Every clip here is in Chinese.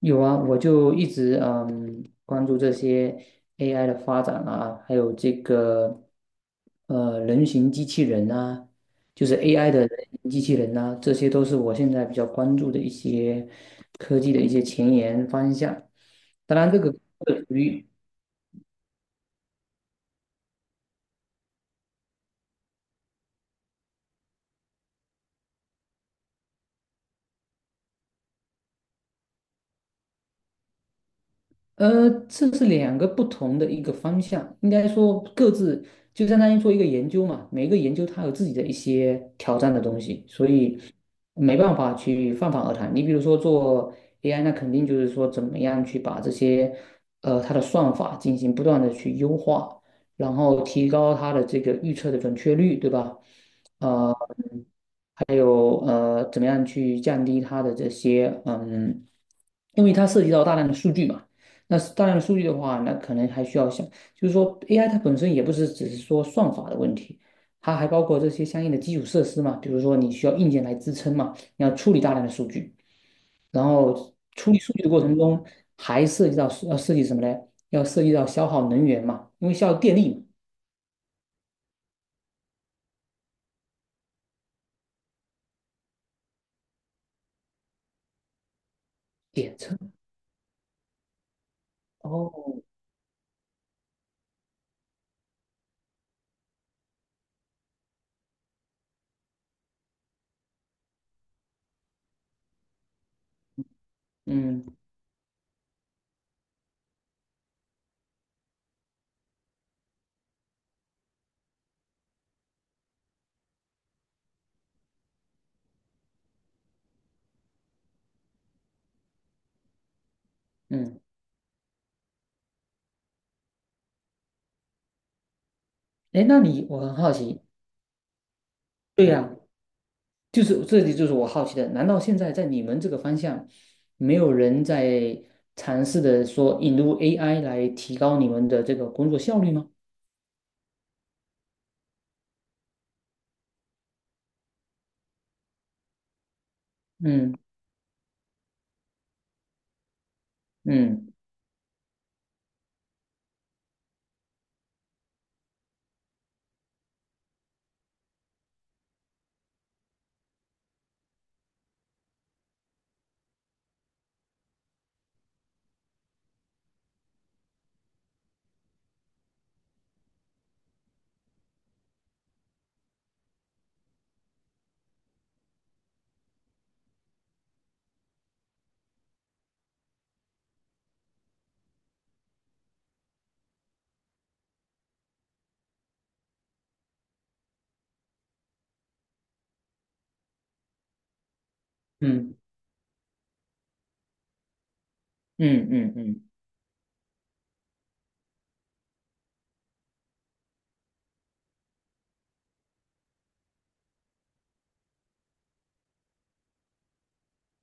有啊，我就一直关注这些 AI 的发展啊，还有这个人形机器人啊，就是 AI 的人形机器人呐、这些都是我现在比较关注的一些科技的一些前沿方向。当然，这个这个属于呃，这是两个不同的一个方向，应该说各自就相当于做一个研究嘛，每个研究它有自己的一些挑战的东西，所以没办法去泛泛而谈。你比如说做 AI，那肯定就是说怎么样去把这些它的算法进行不断的去优化，然后提高它的这个预测的准确率，对吧？呃还有，怎么样去降低它的这些因为它涉及到大量的数据嘛。那是大量的数据的话，那可能还需要想，就是说 AI 它本身也不是只是说算法的问题，它还包括这些相应的基础设施嘛，比如说你需要硬件来支撑嘛，你要处理大量的数据，然后处理数据的过程中还涉及到要涉及什么呢？要涉及到消耗能源嘛，因为消耗电力嘛，电车。哦，嗯嗯，哎，那你我很好奇，对呀、就是这里就是我好奇的，难道现在在你们这个方向，没有人在尝试的说引入 AI 来提高你们的这个工作效率吗？嗯嗯嗯嗯嗯嗯嗯。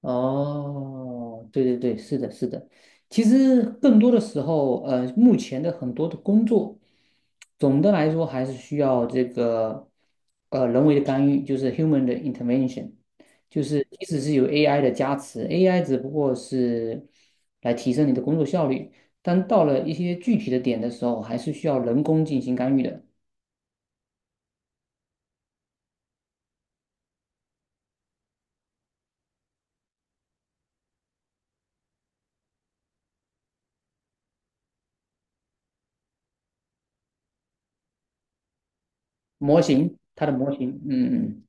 哦，对对对，是的，是的。其实更多的时候，目前的很多的工作，总的来说还是需要这个人为的干预，就是 human 的 intervention，就是即使是有 AI 的加持，AI 只不过是来提升你的工作效率，但到了一些具体的点的时候，还是需要人工进行干预的。模型，它的模型，嗯嗯，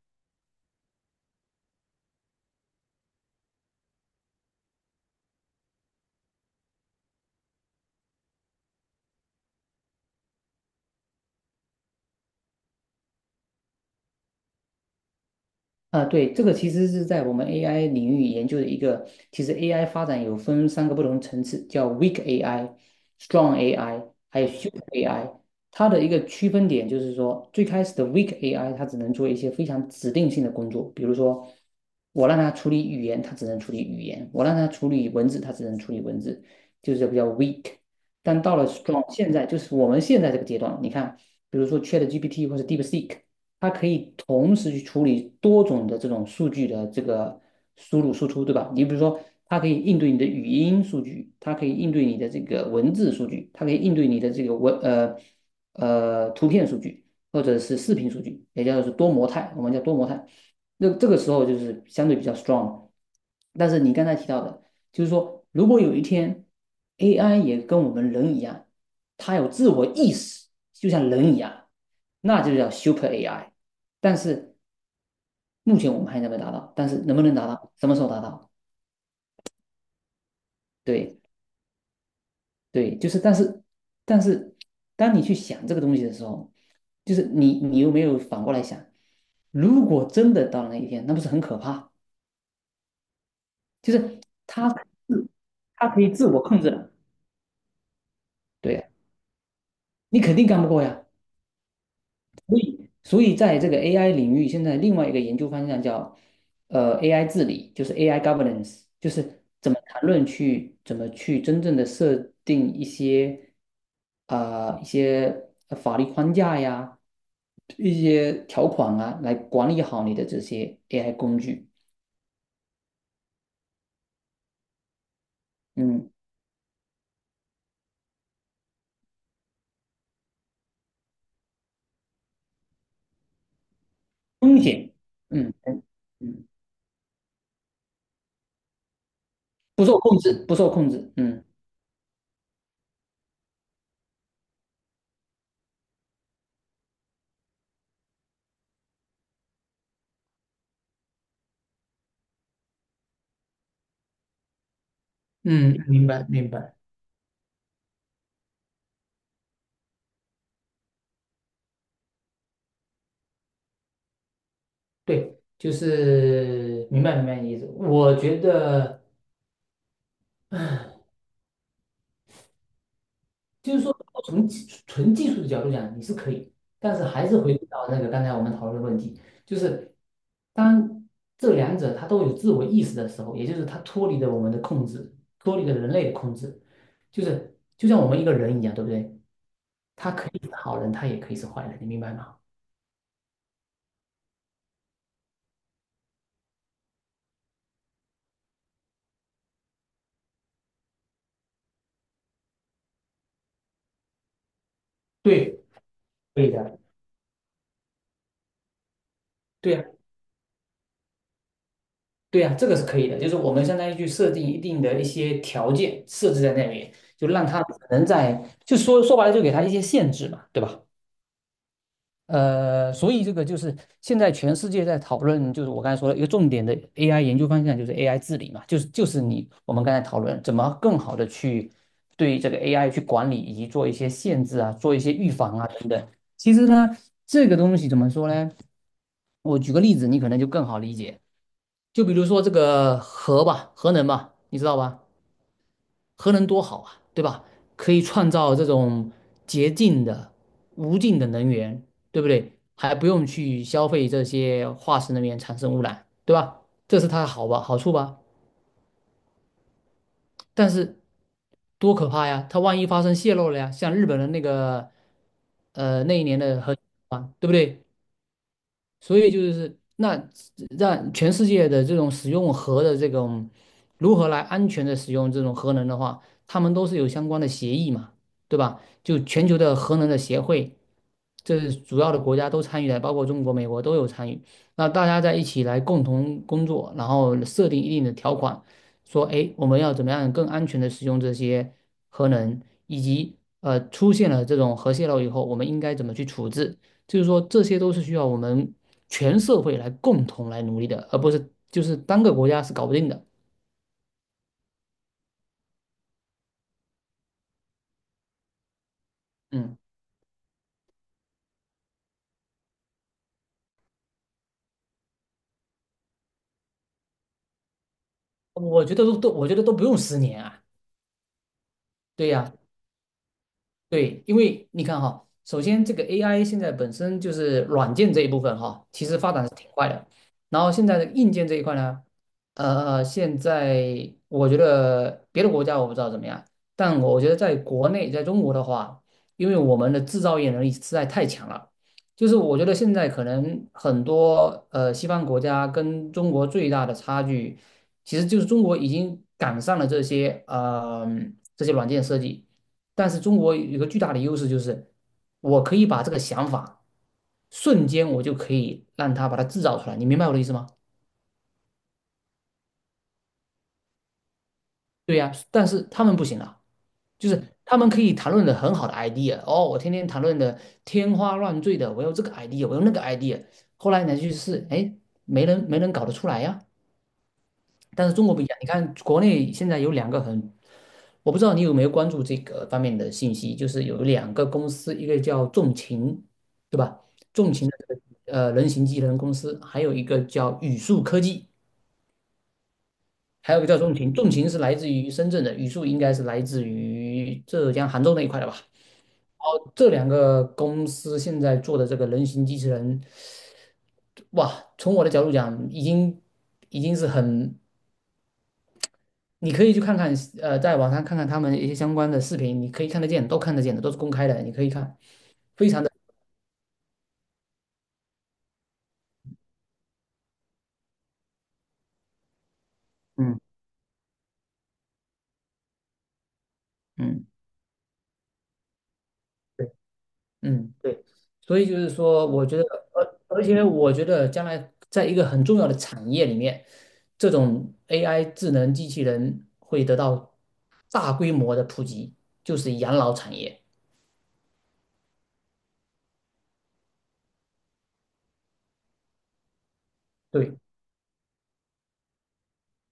啊，对，这个其实是在我们 AI 领域研究的一个，其实 AI 发展有分三个不同层次，叫 weak AI、strong AI，还有 s u p e r AI。它的一个区分点就是说，最开始的 weak AI 它只能做一些非常指定性的工作，比如说我让它处理语言，它只能处理语言；我让它处理文字，它只能处理文字，就是比较 weak。但到了 strong，现在就是我们现在这个阶段，你看，比如说 ChatGPT 或者 DeepSeek。它可以同时去处理多种的这种数据的这个输入输出，对吧？你比如说，它可以应对你的语音数据，它可以应对你的这个文字数据，它可以应对你的这个图片数据或者是视频数据，也叫做是多模态，我们叫多模态。那这个时候就是相对比较 strong。但是你刚才提到的。就是说，如果有一天 AI 也跟我们人一样，它有自我意识，就像人一样，那就叫 Super AI。但是目前我们还没有达到，但是能不能达到，什么时候达到？对对，就是但是，当你去想这个东西的时候，就是你有没有反过来想，如果真的到了那一天，那不是很可怕？就是它它可以自我控制的，对呀，你肯定干不过呀。所以在这个 AI 领域，现在另外一个研究方向叫AI 治理，就是 AI governance，就是怎么谈论去怎么去真正的设定一些啊、一些法律框架呀，一些条款啊，来管理好你的这些 AI 工具。嗯，风险，嗯嗯，嗯，不受控制，不受控制，嗯嗯，明白明白，对，就是明白明白你的意思。我觉得，唉，就是说，从技术的角度讲，你是可以，但是还是回归到那个刚才我们讨论的问题，就是当这两者它都有自我意识的时候，也就是它脱离了我们的控制，脱离了人类的控制，就是就像我们一个人一样，对不对？他可以是好人，他也可以是坏人，你明白吗？对，可以的，对呀，对呀，这个是可以的，就是我们相当于去设定一定的一些条件设置在那里，就让他只能在，就说说白了，就给他一些限制嘛，对吧？所以这个就是现在全世界在讨论，就是我刚才说的一个重点的 AI 研究方向，就是 AI 治理嘛，就是你我们刚才讨论怎么更好的去对这个 AI 去管理，以及做一些限制啊，做一些预防啊等等。其实呢，这个东西怎么说呢？我举个例子，你可能就更好理解。就比如说这个核吧，核能吧，你知道吧？核能多好啊，对吧？可以创造这种洁净的、无尽的能源，对不对？还不用去消费这些化石能源产生污染，对吧？这是它的好吧，好处吧？但是多可怕呀！它万一发生泄漏了呀，像日本的那个，那一年的核啊，对不对？所以就是那让全世界的这种使用核的这种如何来安全的使用这种核能的话，他们都是有相关的协议嘛，对吧？就全球的核能的协会，这是主要的国家都参与了，包括中国、美国都有参与。那大家在一起来共同工作，然后设定一定的条款，说，哎，我们要怎么样更安全的使用这些核能，以及出现了这种核泄漏以后，我们应该怎么去处置。就是说，这些都是需要我们全社会来共同来努力的，而不是就是单个国家是搞不定的。嗯，我觉得都，我觉得都不用10年啊。对呀、对，因为你看哈，首先这个 AI 现在本身就是软件这一部分哈，其实发展是挺快的。然后现在的硬件这一块呢，现在我觉得别的国家我不知道怎么样，但我觉得在国内，在中国的话，因为我们的制造业能力实在太强了，就是我觉得现在可能很多西方国家跟中国最大的差距，其实就是中国已经赶上了这些软件设计。但是中国有个巨大的优势就是，我可以把这个想法瞬间我就可以让他把它制造出来，你明白我的意思吗？对呀，但是他们不行啊，就是他们可以谈论的很好的 idea，哦，我天天谈论的天花乱坠的，我有这个 idea，我有那个 idea，后来呢去试，哎，没人搞得出来呀、但是中国不一样，你看国内现在有两个很，我不知道你有没有关注这个方面的信息，就是有两个公司，一个叫重秦，对吧？重秦的这个人形机器人公司，还有一个叫宇树科技，还有一个叫重秦。重秦是来自于深圳的，宇树应该是来自于浙江杭州那一块的吧？哦，这两个公司现在做的这个人形机器人，哇，从我的角度讲，已经是很，你可以去看看，在网上看看他们一些相关的视频，你可以看得见，都看得见的，都是公开的，你可以看，非常的，嗯嗯，对，嗯，对，所以就是说，我觉得，而且我觉得将来在一个很重要的产业里面，这种 AI 智能机器人会得到大规模的普及，就是养老产业。对，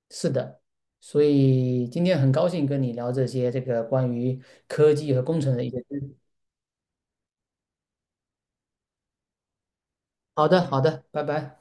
是的，所以今天很高兴跟你聊这些这个关于科技和工程的一些知识。好的，好的，拜拜。